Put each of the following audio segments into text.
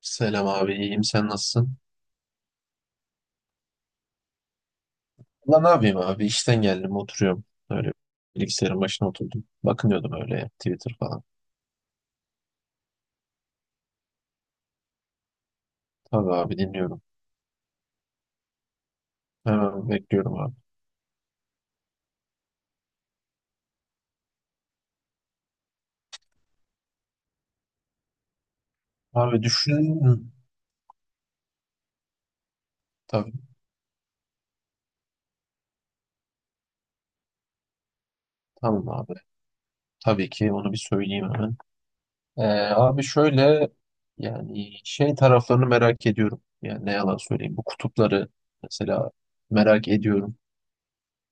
Selam abi, iyiyim. Sen nasılsın? Ulan ne yapayım abi? İşten geldim, oturuyorum. Öyle bilgisayarın başına oturdum. Bakınıyordum öyle Twitter falan. Tabii abi dinliyorum. Hemen bekliyorum abi. Abi düşün... Tabii, tamam abi. Tabii ki onu bir söyleyeyim hemen. Ee, abi şöyle yani şey taraflarını merak ediyorum. Yani ne yalan söyleyeyim. Bu kutupları mesela merak ediyorum.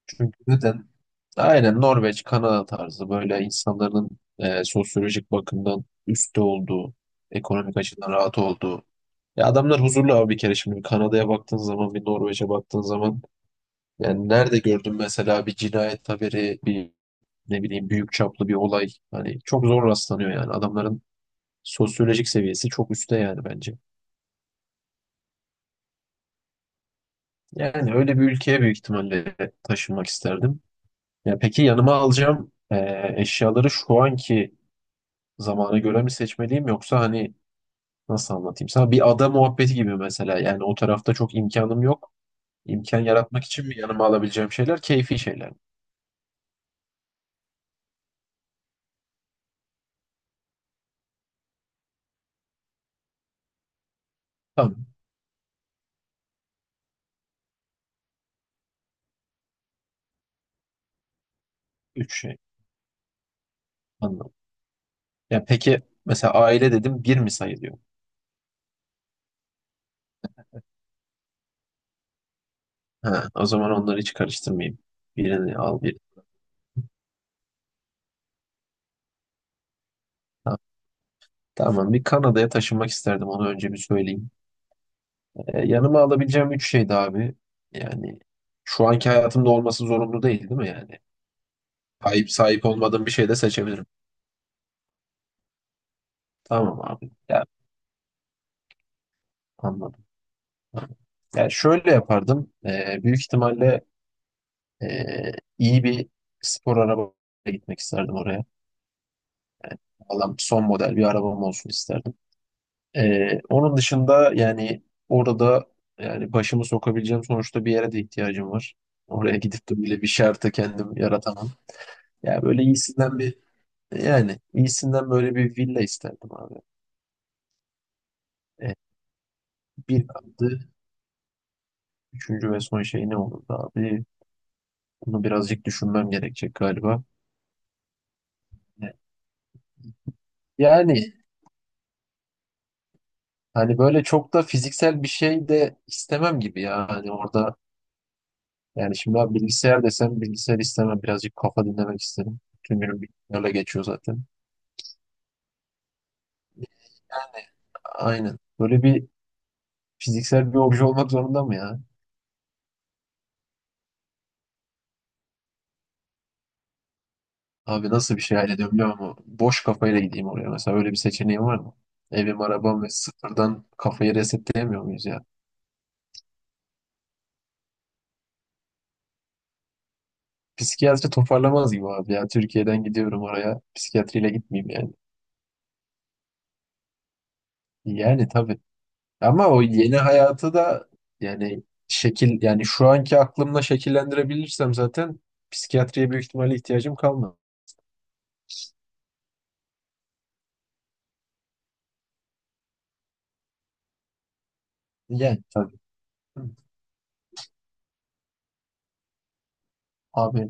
Çünkü neden? Aynen Norveç, Kanada tarzı böyle insanların sosyolojik bakımdan üstte olduğu, ekonomik açıdan rahat olduğu. Ya adamlar huzurlu abi bir kere, şimdi bir Kanada'ya baktığın zaman, bir Norveç'e baktığın zaman yani nerede gördün mesela bir cinayet haberi, bir ne bileyim büyük çaplı bir olay. Hani çok zor rastlanıyor yani, adamların sosyolojik seviyesi çok üstte yani bence. Yani öyle bir ülkeye büyük ihtimalle taşınmak isterdim. Ya peki yanıma alacağım eşyaları şu anki zamana göre mi seçmeliyim, yoksa hani nasıl anlatayım sana, bir ada muhabbeti gibi mesela, yani o tarafta çok imkanım yok. İmkan yaratmak için mi yanıma alabileceğim şeyler keyfi şeyler mi? Tamam. Üç şey. Anladım. Ya peki mesela aile dedim, bir mi sayılıyor? Ha, o zaman onları hiç karıştırmayayım. Birini al bir. Ha, tamam, bir Kanada'ya taşınmak isterdim, onu önce bir söyleyeyim. Yanıma alabileceğim üç şeydi abi. Yani şu anki hayatımda olması zorunlu değil değil mi yani? Sahip olmadığım bir şey de seçebilirim. Tamam abi. Ya, anladım. Yani şöyle yapardım. Büyük ihtimalle ee, iyi bir spor arabaya gitmek isterdim oraya. Valla son model bir arabam olsun isterdim. Onun dışında yani orada yani başımı sokabileceğim sonuçta bir yere de ihtiyacım var. Oraya gidip de böyle bir şartı kendim yaratamam. Ya böyle iyisinden bir yani iyisinden böyle bir villa isterdim abi. Ee, bir kaldı. Üçüncü ve son şey ne olurdu abi? Bunu birazcık düşünmem gerekecek galiba. Yani hani böyle çok da fiziksel bir şey de istemem gibi ya. Hani orada yani şimdi abi bilgisayar desem bilgisayar istemem. Birazcık kafa dinlemek isterim. Tüm günüm bilgisayarla geçiyor zaten. Aynen. Böyle bir fiziksel bir obje olmak zorunda mı ya? Abi nasıl bir şey hayal ediyorum bilmiyorum ama boş kafayla gideyim oraya. Mesela öyle bir seçeneğim var mı? Evim, arabam ve sıfırdan kafayı resetleyemiyor muyuz ya? Psikiyatri toparlamaz gibi abi ya. Türkiye'den gidiyorum oraya. Psikiyatriyle gitmeyeyim yani. Yani tabii. Ama o yeni hayatı da yani şekil yani şu anki aklımla şekillendirebilirsem zaten psikiyatriye büyük ihtimalle ihtiyacım kalmaz. Yani tabii. Hı. Abi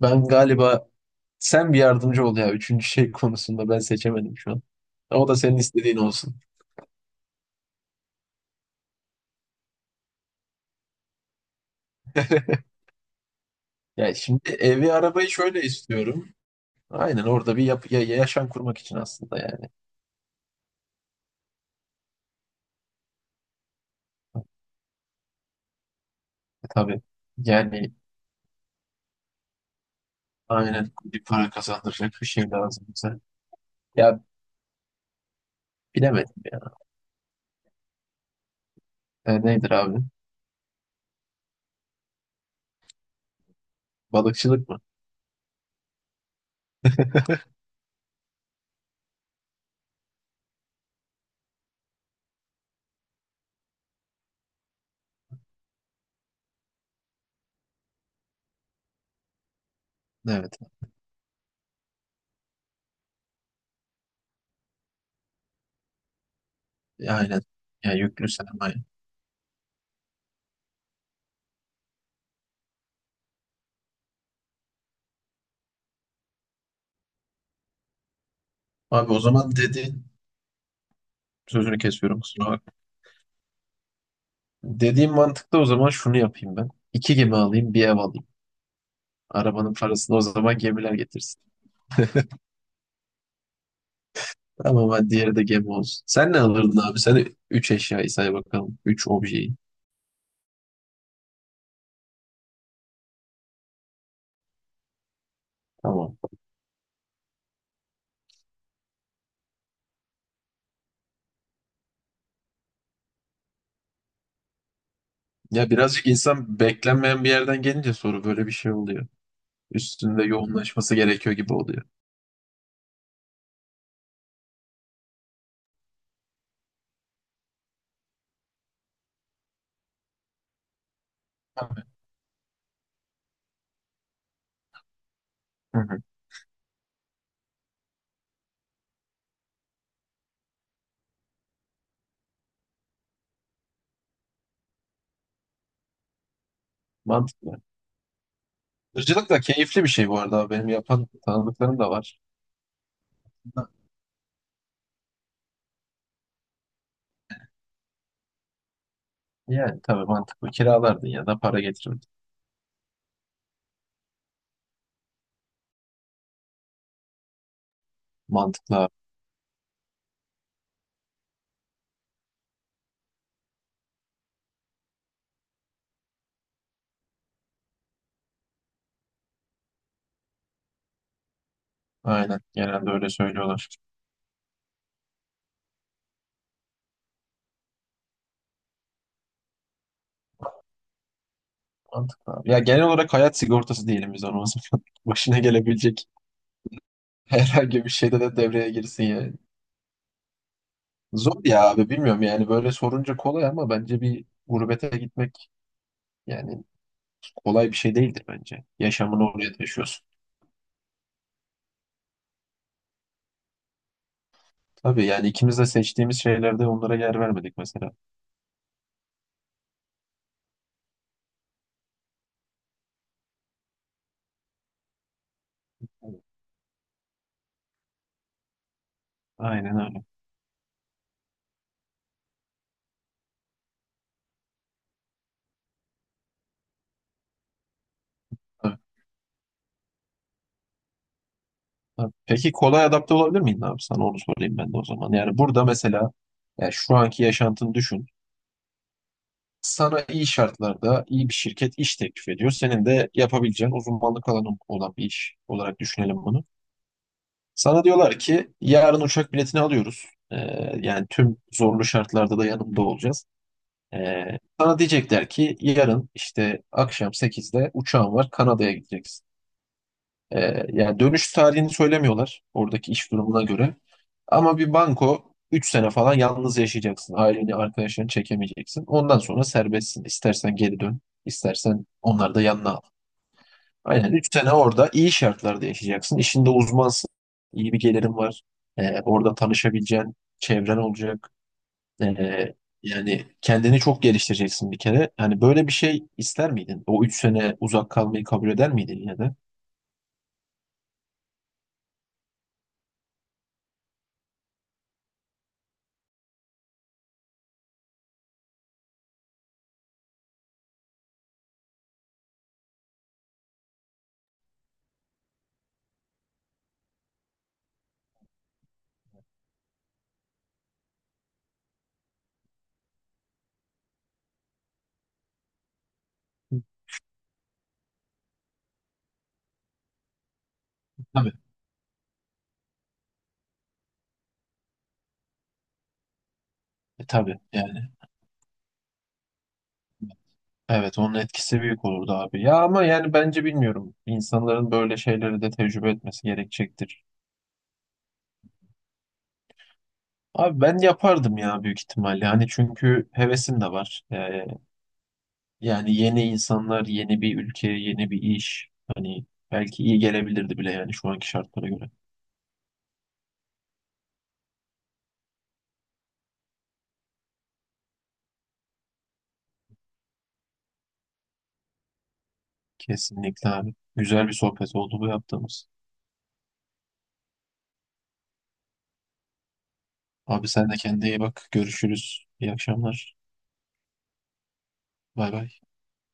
ben galiba, sen bir yardımcı ol ya, üçüncü şey konusunda ben seçemedim şu an. O da senin istediğin olsun. Ya şimdi evi arabayı şöyle istiyorum. Aynen orada bir yaşam kurmak için aslında yani. Tabii. Yani aynen bir para kazandıracak bir şey lazım bize. Ya bilemedim ya. Nedir abi? Balıkçılık mı? Evet. Ya, aynen. Ya, yüklü sermaye. Abi o zaman dediğin, sözünü kesiyorum kusura bakma. Dediğim mantıkta o zaman şunu yapayım ben. İki gemi alayım, bir ev alayım. Arabanın parasını o zaman gemiler getirsin. Tamam, hadi diğeri de gemi olsun. Sen ne alırdın abi? Sen üç eşyayı say bakalım. Üç objeyi. Tamam. Ya birazcık, insan beklenmeyen bir yerden gelince soru böyle bir şey oluyor. Üstünde yoğunlaşması gerekiyor gibi oluyor. Tabii. Hı hı. Mantıklı. Ircılık da keyifli bir şey bu arada. Benim yapan tanıdıklarım da var. Yani tabii mantıklı. Kiralardın ya da para getirirdin. Mantıklı abi. Aynen. Genelde öyle söylüyorlar. Mantıklı abi. Ya genel olarak hayat sigortası diyelim biz ona o zaman. Başına gelebilecek herhangi bir şeyde de devreye girsin yani. Zor ya abi bilmiyorum, yani böyle sorunca kolay ama bence bir gurbete gitmek yani kolay bir şey değildir bence. Yaşamını oraya taşıyorsun. Tabii yani, ikimiz de seçtiğimiz şeylerde onlara yer vermedik mesela. Evet. Aynen öyle. Abi, peki kolay adapte olabilir miydin abi? Sana onu sorayım ben de o zaman. Yani burada mesela, yani şu anki yaşantını düşün. Sana iyi şartlarda iyi bir şirket iş teklif ediyor. Senin de yapabileceğin uzmanlık alanı olan bir iş olarak düşünelim bunu. Sana diyorlar ki yarın uçak biletini alıyoruz. Ee, yani tüm zorlu şartlarda da yanımda olacağız. Ee, sana diyecekler ki yarın işte akşam 8'de uçağın var, Kanada'ya gideceksin. Yani dönüş tarihini söylemiyorlar, oradaki iş durumuna göre. Ama bir banko 3 sene falan yalnız yaşayacaksın. Aileni, arkadaşlarını çekemeyeceksin. Ondan sonra serbestsin. İstersen geri dön, istersen onları da yanına al. Aynen 3 sene orada iyi şartlarda yaşayacaksın. İşinde uzmansın. İyi bir gelirin var. Orada tanışabileceğin çevren olacak. Ee, yani kendini çok geliştireceksin bir kere. Hani böyle bir şey ister miydin? O 3 sene uzak kalmayı kabul eder miydin yine de? Tabii. Tabii yani. Evet, onun etkisi büyük olurdu abi. Ya ama yani bence bilmiyorum. İnsanların böyle şeyleri de tecrübe etmesi gerekecektir. Abi ben yapardım ya büyük ihtimalle. Hani çünkü hevesim de var. Yani yeni insanlar, yeni bir ülke, yeni bir iş. Hani belki iyi gelebilirdi bile yani şu anki şartlara göre. Kesinlikle abi. Güzel bir sohbet oldu bu yaptığımız. Abi sen de kendine iyi bak. Görüşürüz. İyi akşamlar. Bay bay.